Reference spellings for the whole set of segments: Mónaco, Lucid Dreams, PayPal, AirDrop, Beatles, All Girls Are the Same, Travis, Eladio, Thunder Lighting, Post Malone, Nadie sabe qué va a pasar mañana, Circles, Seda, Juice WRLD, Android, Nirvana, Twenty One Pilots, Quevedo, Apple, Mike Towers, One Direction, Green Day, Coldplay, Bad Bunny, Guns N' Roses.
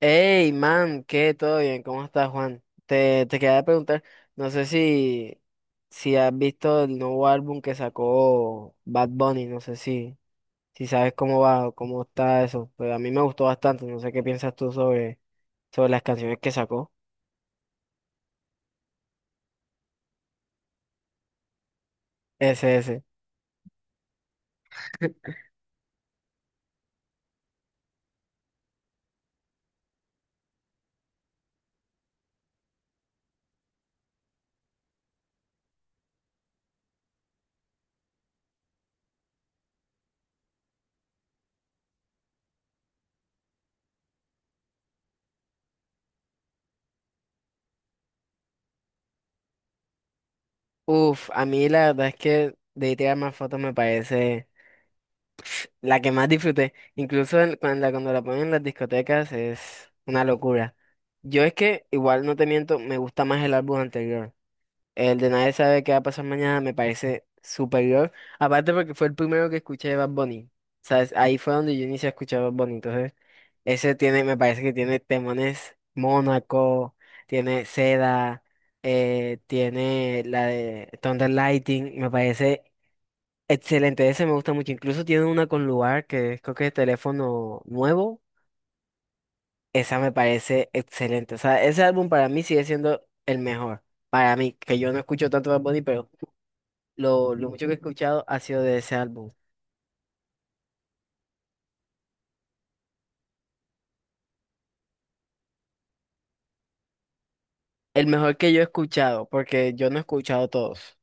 Hey, man, ¿qué? ¿Todo bien? ¿Cómo estás, Juan? Te quería preguntar, no sé si has visto el nuevo álbum que sacó Bad Bunny, no sé si sabes cómo va o cómo está eso, pero a mí me gustó bastante, no sé qué piensas tú sobre las canciones que sacó. Ese, ese. Uf, a mí la verdad es que de tirar más fotos me parece. La que más disfruté, incluso cuando la ponen en las discotecas es una locura. Yo es que, igual no te miento, me gusta más el álbum anterior. El de Nadie sabe qué va a pasar mañana me parece superior. Aparte porque fue el primero que escuché de Bad Bunny. ¿Sabes? Ahí fue donde yo inicié a escuchar Bad Bunny. Entonces, ese tiene, me parece que tiene temones Mónaco, tiene Seda, tiene la de Thunder Lighting, me parece excelente. Ese me gusta mucho. Incluso tiene una con lugar que es, creo que es teléfono nuevo. Esa me parece excelente. O sea, ese álbum para mí sigue siendo el mejor. Para mí, que yo no escucho tanto Bad Bunny, pero lo mucho que he escuchado ha sido de ese álbum. El mejor que yo he escuchado, porque yo no he escuchado todos.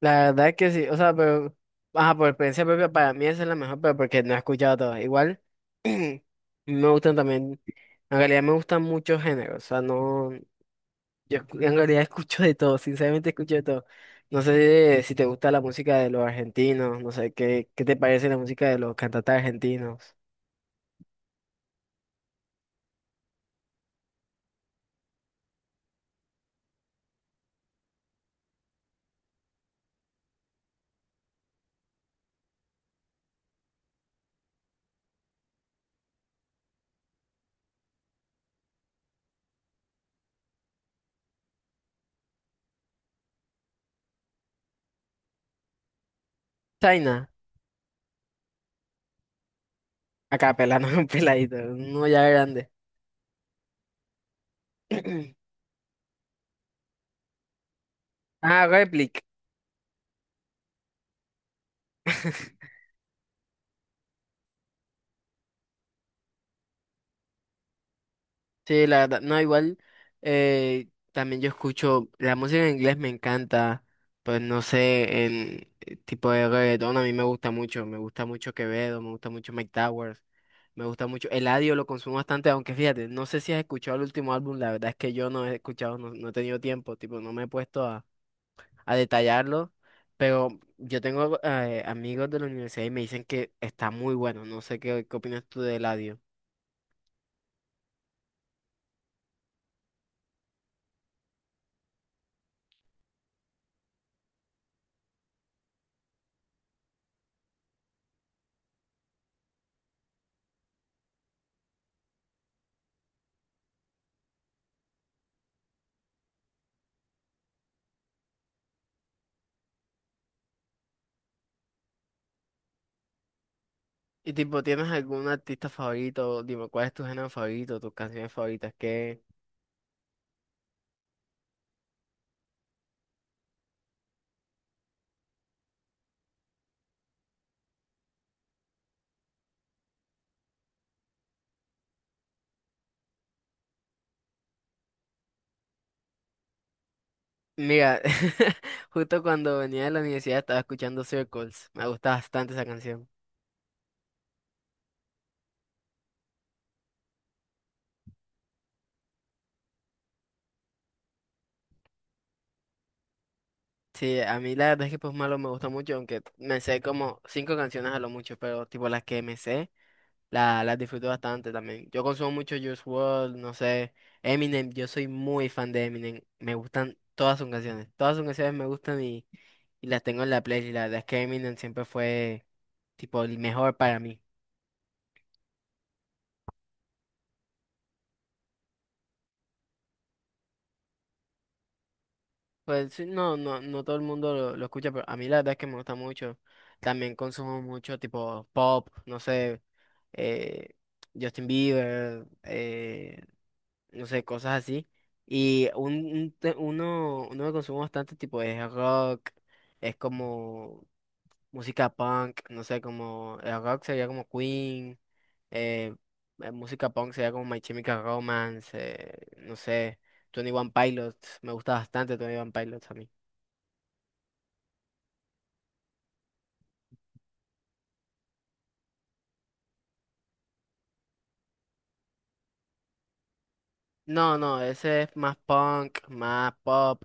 La verdad es que sí, o sea, pero, ajá, por experiencia propia, para mí esa es la mejor, pero porque no he escuchado todas. Igual, me gustan también, en realidad me gustan muchos géneros. O sea, no. En realidad escucho de todo, sinceramente escucho de todo. No sé si te gusta la música de los argentinos, no sé qué te parece la música de los cantantes argentinos. China, acá pelando un peladito, uno ya grande. Ah, Replic. Sí, la verdad, no, igual, también yo escucho, la música en inglés me encanta, pues no sé, el tipo de reggaetón a mí me gusta mucho Quevedo, me gusta mucho Mike Towers, me gusta mucho, Eladio lo consumo bastante, aunque fíjate, no sé si has escuchado el último álbum, la verdad es que yo no he escuchado, no, no he tenido tiempo, tipo, no me he puesto a detallarlo, pero yo tengo amigos de la universidad y me dicen que está muy bueno, no sé qué opinas tú de Eladio. Y tipo, ¿tienes algún artista favorito? Dime, ¿cuál es tu género favorito, tus canciones favoritas? Qué Mira, justo cuando venía de la universidad estaba escuchando Circles. Me gusta bastante esa canción. Sí, a mí la verdad es que Post Malo me gusta mucho, aunque me sé como cinco canciones a lo mucho, pero tipo las que me sé, las disfruto bastante también. Yo consumo mucho Juice World, no sé, Eminem, yo soy muy fan de Eminem. Me gustan todas sus canciones. Todas sus canciones me gustan, y las tengo en la playlist. La verdad es que Eminem siempre fue tipo el mejor para mí. Pues sí, no, no, no todo el mundo lo escucha, pero a mí la verdad es que me gusta mucho. También consumo mucho tipo pop, no sé, eh, Justin Bieber, no sé, cosas así. Y uno que consumo bastante tipo es rock, es como música punk, no sé, como el rock sería como Queen, eh, música punk sería como My Chemical Romance, no sé, Twenty One Pilots, me gusta bastante Twenty One Pilots a mí. No, no, ese es más punk, más pop,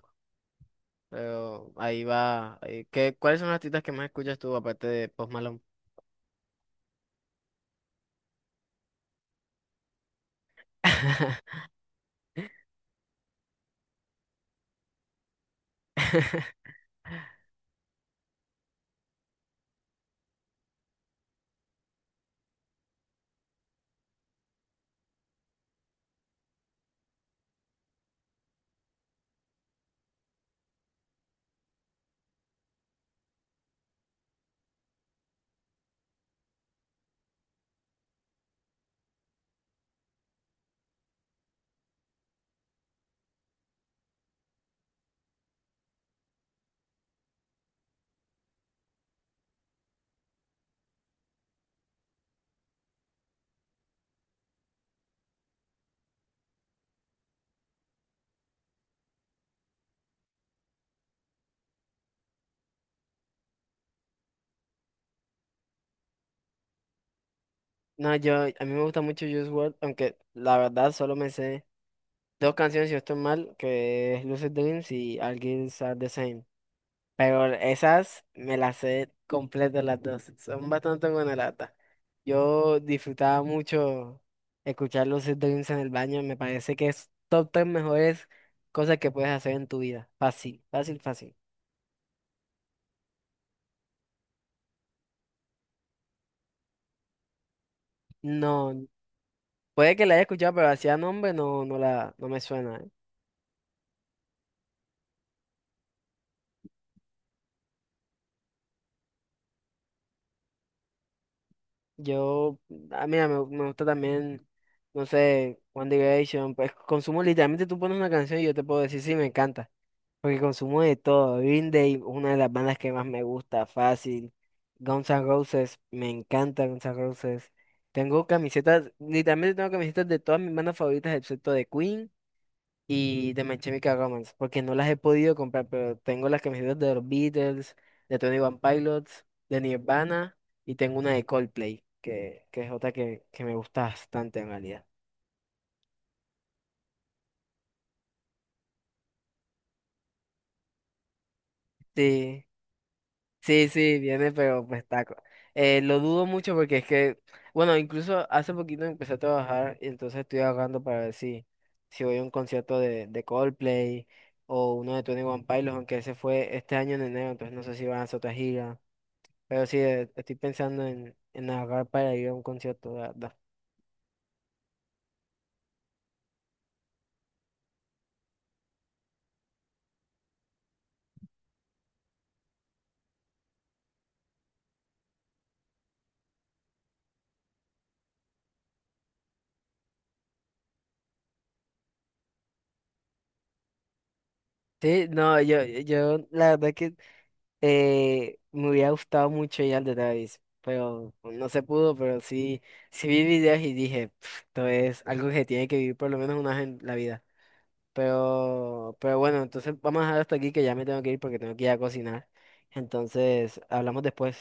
pero ahí va. Cuáles son los artistas que más escuchas tú aparte de Post Malone? No, a mí me gusta mucho Juice WRLD, aunque la verdad solo me sé dos canciones, si no estoy mal, que es Lucid Dreams y All Girls Are the Same. Pero esas me las sé completas las dos. Son bastante buena lata. Yo disfrutaba mucho escuchar los Dreams en el baño. Me parece que es top tres mejores cosas que puedes hacer en tu vida. Fácil, fácil, fácil. No, puede que la haya escuchado, pero hacía nombre no, no me suena. ¿Eh? Yo, a mí me gusta también, no sé, One Direction. Pues consumo literalmente, tú pones una canción y yo te puedo decir, sí, me encanta. Porque consumo de todo. Green Day, una de las bandas que más me gusta, fácil. Guns N' Roses, me encanta Guns N' Roses. Tengo camisetas, literalmente tengo camisetas de todas mis bandas favoritas, excepto de Queen y de My Chemical Romance, porque no las he podido comprar, pero tengo las camisetas de los Beatles, de Tony One Pilots, de Nirvana y tengo una de Coldplay, que es otra que me gusta bastante en realidad. Sí. Sí, sí, viene, pero pues taco. Lo dudo mucho porque es que, bueno, incluso hace poquito empecé a trabajar y entonces estoy ahorrando para ver si voy a un concierto de Coldplay o uno de Twenty One Pilots, aunque ese fue este año en enero, entonces no sé si van a hacer otra gira. Pero sí, estoy pensando en ahorrar para ir a un concierto, la verdad. Sí, no, yo la verdad que me hubiera gustado mucho ir al de Travis, pero no se pudo, pero sí, sí vi videos y dije, "Pf, esto es algo que tiene que vivir por lo menos una vez en la vida. Pero bueno, entonces vamos a dejar hasta aquí que ya me tengo que ir porque tengo que ir a cocinar. Entonces, hablamos después.